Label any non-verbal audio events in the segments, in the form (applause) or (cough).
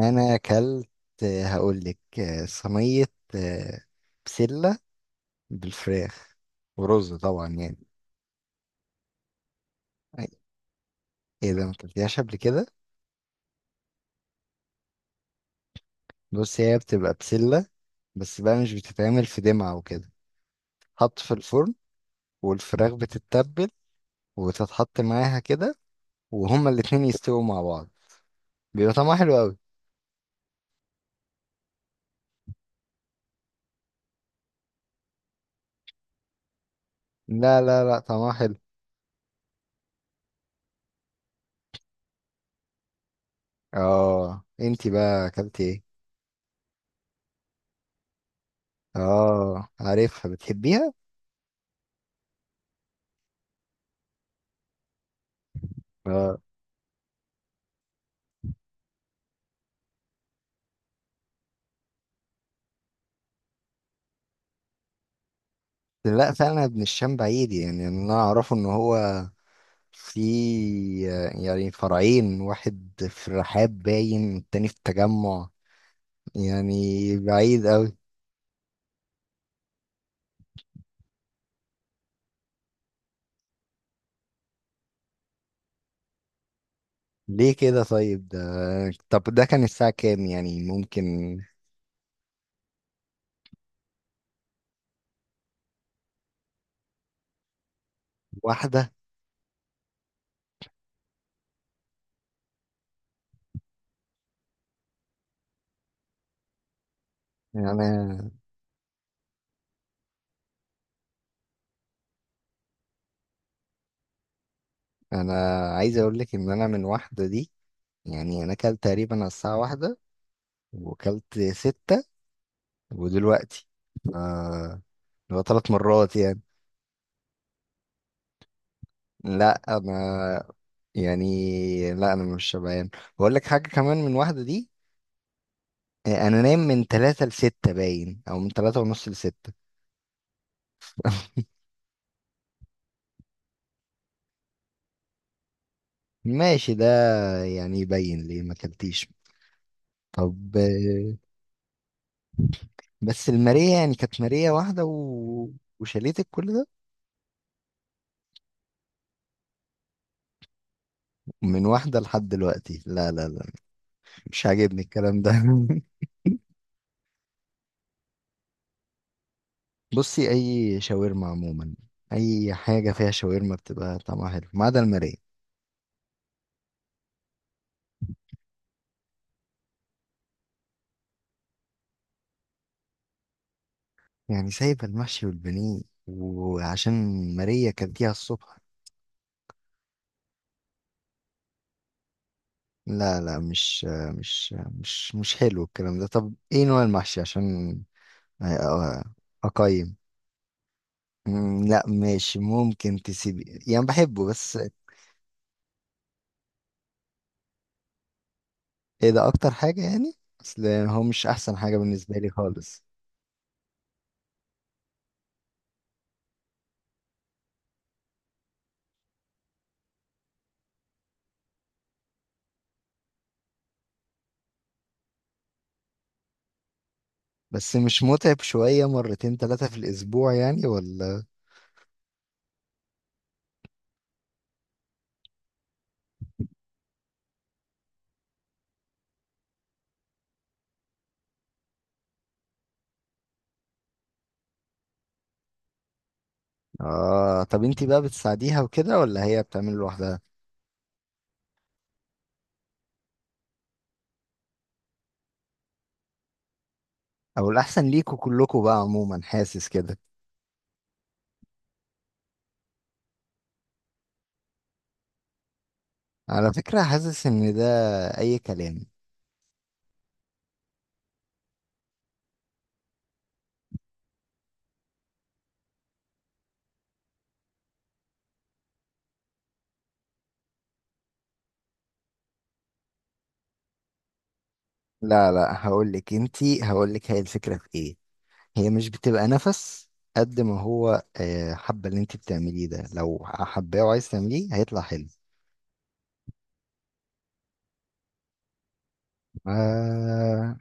انا اكلت، هقول لك. صينيه، آه، بسله بالفراخ ورز طبعا يعني. ايه ده؟ ما اكلتهاش قبل كده؟ بص، هي بتبقى بسله، بس بقى مش بتتعمل في دمعه وكده، تتحط في الفرن، والفراخ بتتبل وتتحط معاها كده، وهما الاتنين يستووا مع بعض. بيبقى طعمها حلو قوي. لا لا لا، طعمها حلو. اه، انتي بقى اكلتي ايه؟ اه، عارفها بتحبيها. اه، لا فعلا ابن الشام بعيد، يعني انا اعرفه ان هو في، يعني، فرعين، واحد في الرحاب باين والتاني في التجمع يعني. بعيد قوي. ليه كده؟ طيب ده، طب ده كان الساعة كام يعني؟ ممكن واحدة يعني. انا عايز اقول لك ان انا من واحدة دي، يعني انا كلت تقريبا على الساعة واحدة، وكلت ستة، ودلوقتي ف- اللي هو 3 مرات يعني. لا انا لا انا مش شبعان، بقول لك حاجه كمان من واحده دي. انا نايم من تلاتة لستة باين، او من تلاتة ونص لستة. ماشي ده، يعني يبين ليه ما اكلتيش. طب، بس الماريه يعني كانت ماريه واحده وشاليتك كل ده؟ من واحده لحد دلوقتي؟ لا لا لا، مش عاجبني الكلام ده. (laughs) بصي، اي شاورما عموما، اي حاجه فيها شاورما بتبقى طعمها حلو، ما عدا الماريه. يعني سايبه المحشي والبانيه، وعشان ماريه كانت فيها الصبح؟ لا لا، مش مش حلو الكلام ده. طب ايه نوع المحشي؟ عشان أ- أ- اقيم. لا ماشي، ممكن تسيبي يعني، بحبه بس. ايه ده؟ اكتر حاجة يعني. اصل هو مش احسن حاجة بالنسبة لي خالص. بس مش متعب شوية، مرتين ثلاثة في الاسبوع يعني، ولا؟ اه، طب انتي بقى بتساعديها وكده، ولا هي بتعمل لوحدها؟ او الاحسن ليكوا كلكوا بقى عموما، حاسس كده. على فكرة، حاسس ان ده اي كلام. لا لا، هقول لك، هي الفكرة في ايه. هي مش بتبقى نفس، قد ما هو حابة. اللي انتي بتعمليه ده، لو حباه وعايز تعمليه هيطلع حلو. ما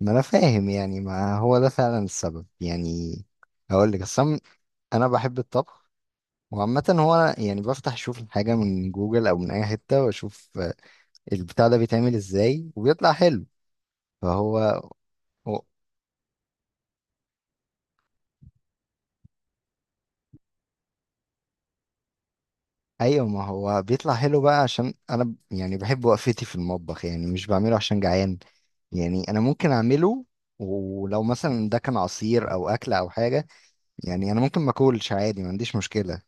ما انا فاهم يعني، ما هو ده فعلا السبب يعني. هقول لك اصلا، انا بحب الطبخ. وعامة هو أنا يعني بفتح اشوف الحاجة من جوجل او من اي حتة، واشوف البتاع ده بيتعمل ازاي، وبيطلع حلو فهو. ايوه، ما هو بيطلع حلو بقى عشان انا يعني بحب وقفتي في المطبخ، يعني مش بعمله عشان جعان. يعني انا ممكن اعمله، ولو مثلا ده كان عصير او اكله او حاجه، يعني انا ممكن ما اكلش عادي، ما عنديش مشكله.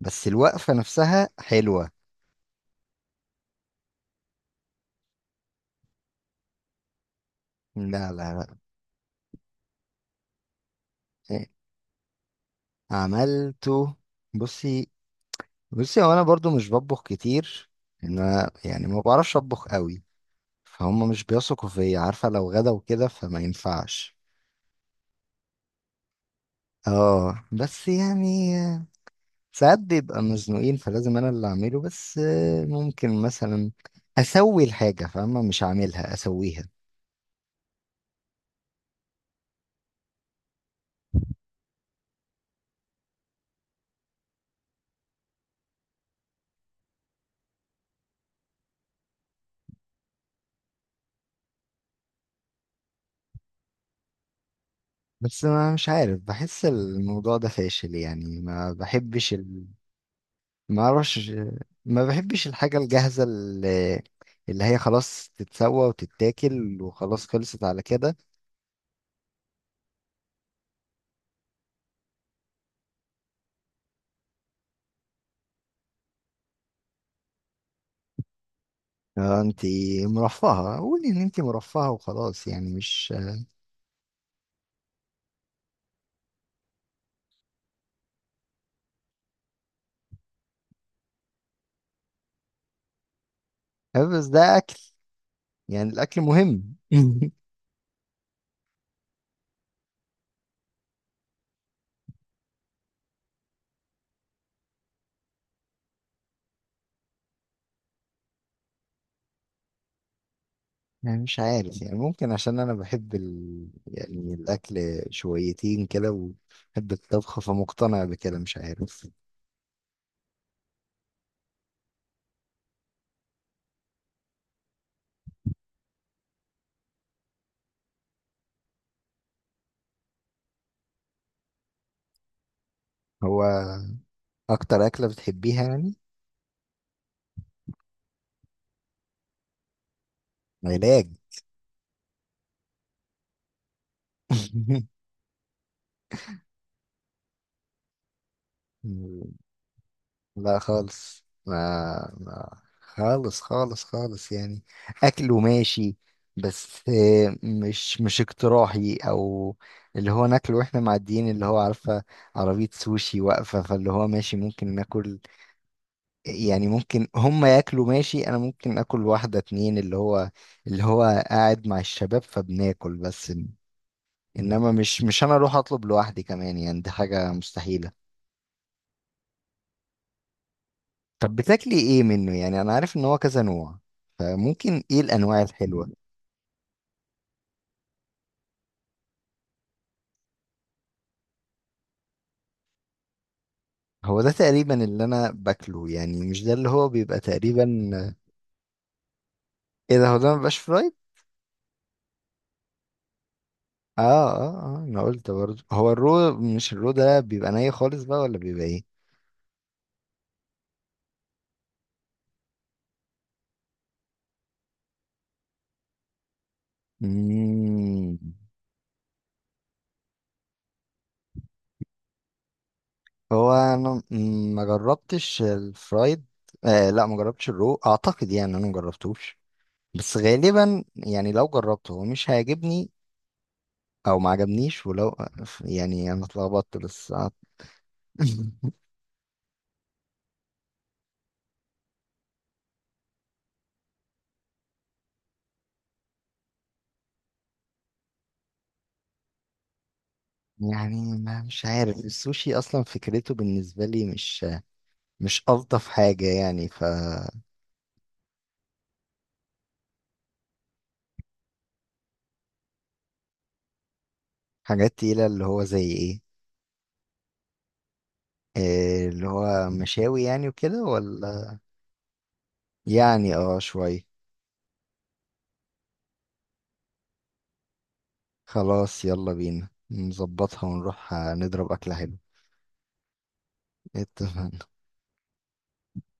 بس الوقفه نفسها حلوه. لا لا لا. إيه، عملته. بصي، بصي هو انا برضو مش بطبخ كتير. انا يعني ما بعرفش اطبخ قوي، فهم مش بيثقوا فيا عارفه، لو غدا وكده فما ينفعش. اه بس يعني، ساعات بيبقى مزنوقين، فلازم انا اللي اعمله. بس ممكن مثلا اسوي الحاجة، فاهمة؟ مش هعملها، اسويها. بس ما مش عارف، بحس الموضوع ده فاشل يعني، ما بحبش ما اعرفش. ما بحبش الحاجة الجاهزة، اللي هي خلاص تتسوى وتتاكل وخلاص، خلصت على كده. انتي مرفهة، قولي ان انتي مرفهة وخلاص يعني، مش. بس ده اكل، يعني الاكل مهم. (laughs) يعني مش عارف، يعني ممكن عشان انا بحب يعني الاكل شويتين كده، وبحب الطبخ فمقتنع بكده، مش عارف. هو اكتر اكلة بتحبيها يعني؟ علاج؟ (laughs) لا خالص، ما خالص خالص خالص يعني. اكل وماشي، بس مش اقتراحي، او اللي هو ناكله واحنا معديين، اللي هو عارفه، عربيه سوشي واقفه، فاللي هو ماشي ممكن ناكل. يعني ممكن هم ياكلوا ماشي، انا ممكن اكل واحدة اتنين، اللي هو قاعد مع الشباب فبناكل، بس انما مش انا اروح اطلب لوحدي كمان، يعني دي حاجة مستحيلة. طب بتاكلي ايه منه؟ يعني انا عارف ان هو كذا نوع، فممكن ايه الانواع الحلوة؟ هو ده تقريبا اللي انا باكله يعني، مش ده اللي هو بيبقى تقريبا. ايه ده؟ هو ده مبيبقاش فرايد؟ اه اه اه، انا قلت برضه، هو الرو، مش الرو ده بيبقى ني خالص بقى، ولا بيبقى ايه؟ مم. هو انا ما جربتش الفرايد. آه، لا ما جربتش الرو اعتقد، يعني انا ما جربتوش. بس غالبا يعني، لو جربته هو مش هيعجبني، او ما عجبنيش، ولو يعني انا اتلخبطت بس (laughs) يعني ما مش عارف، السوشي اصلا فكرته بالنسبه لي مش الطف حاجه يعني. فحاجات تقيله اللي هو زي ايه؟ اللي هو مشاوي يعني وكده، ولا؟ يعني اه، شويه. خلاص، يلا بينا نظبطها ونروح نضرب أكلة حلوة. اتفقنا.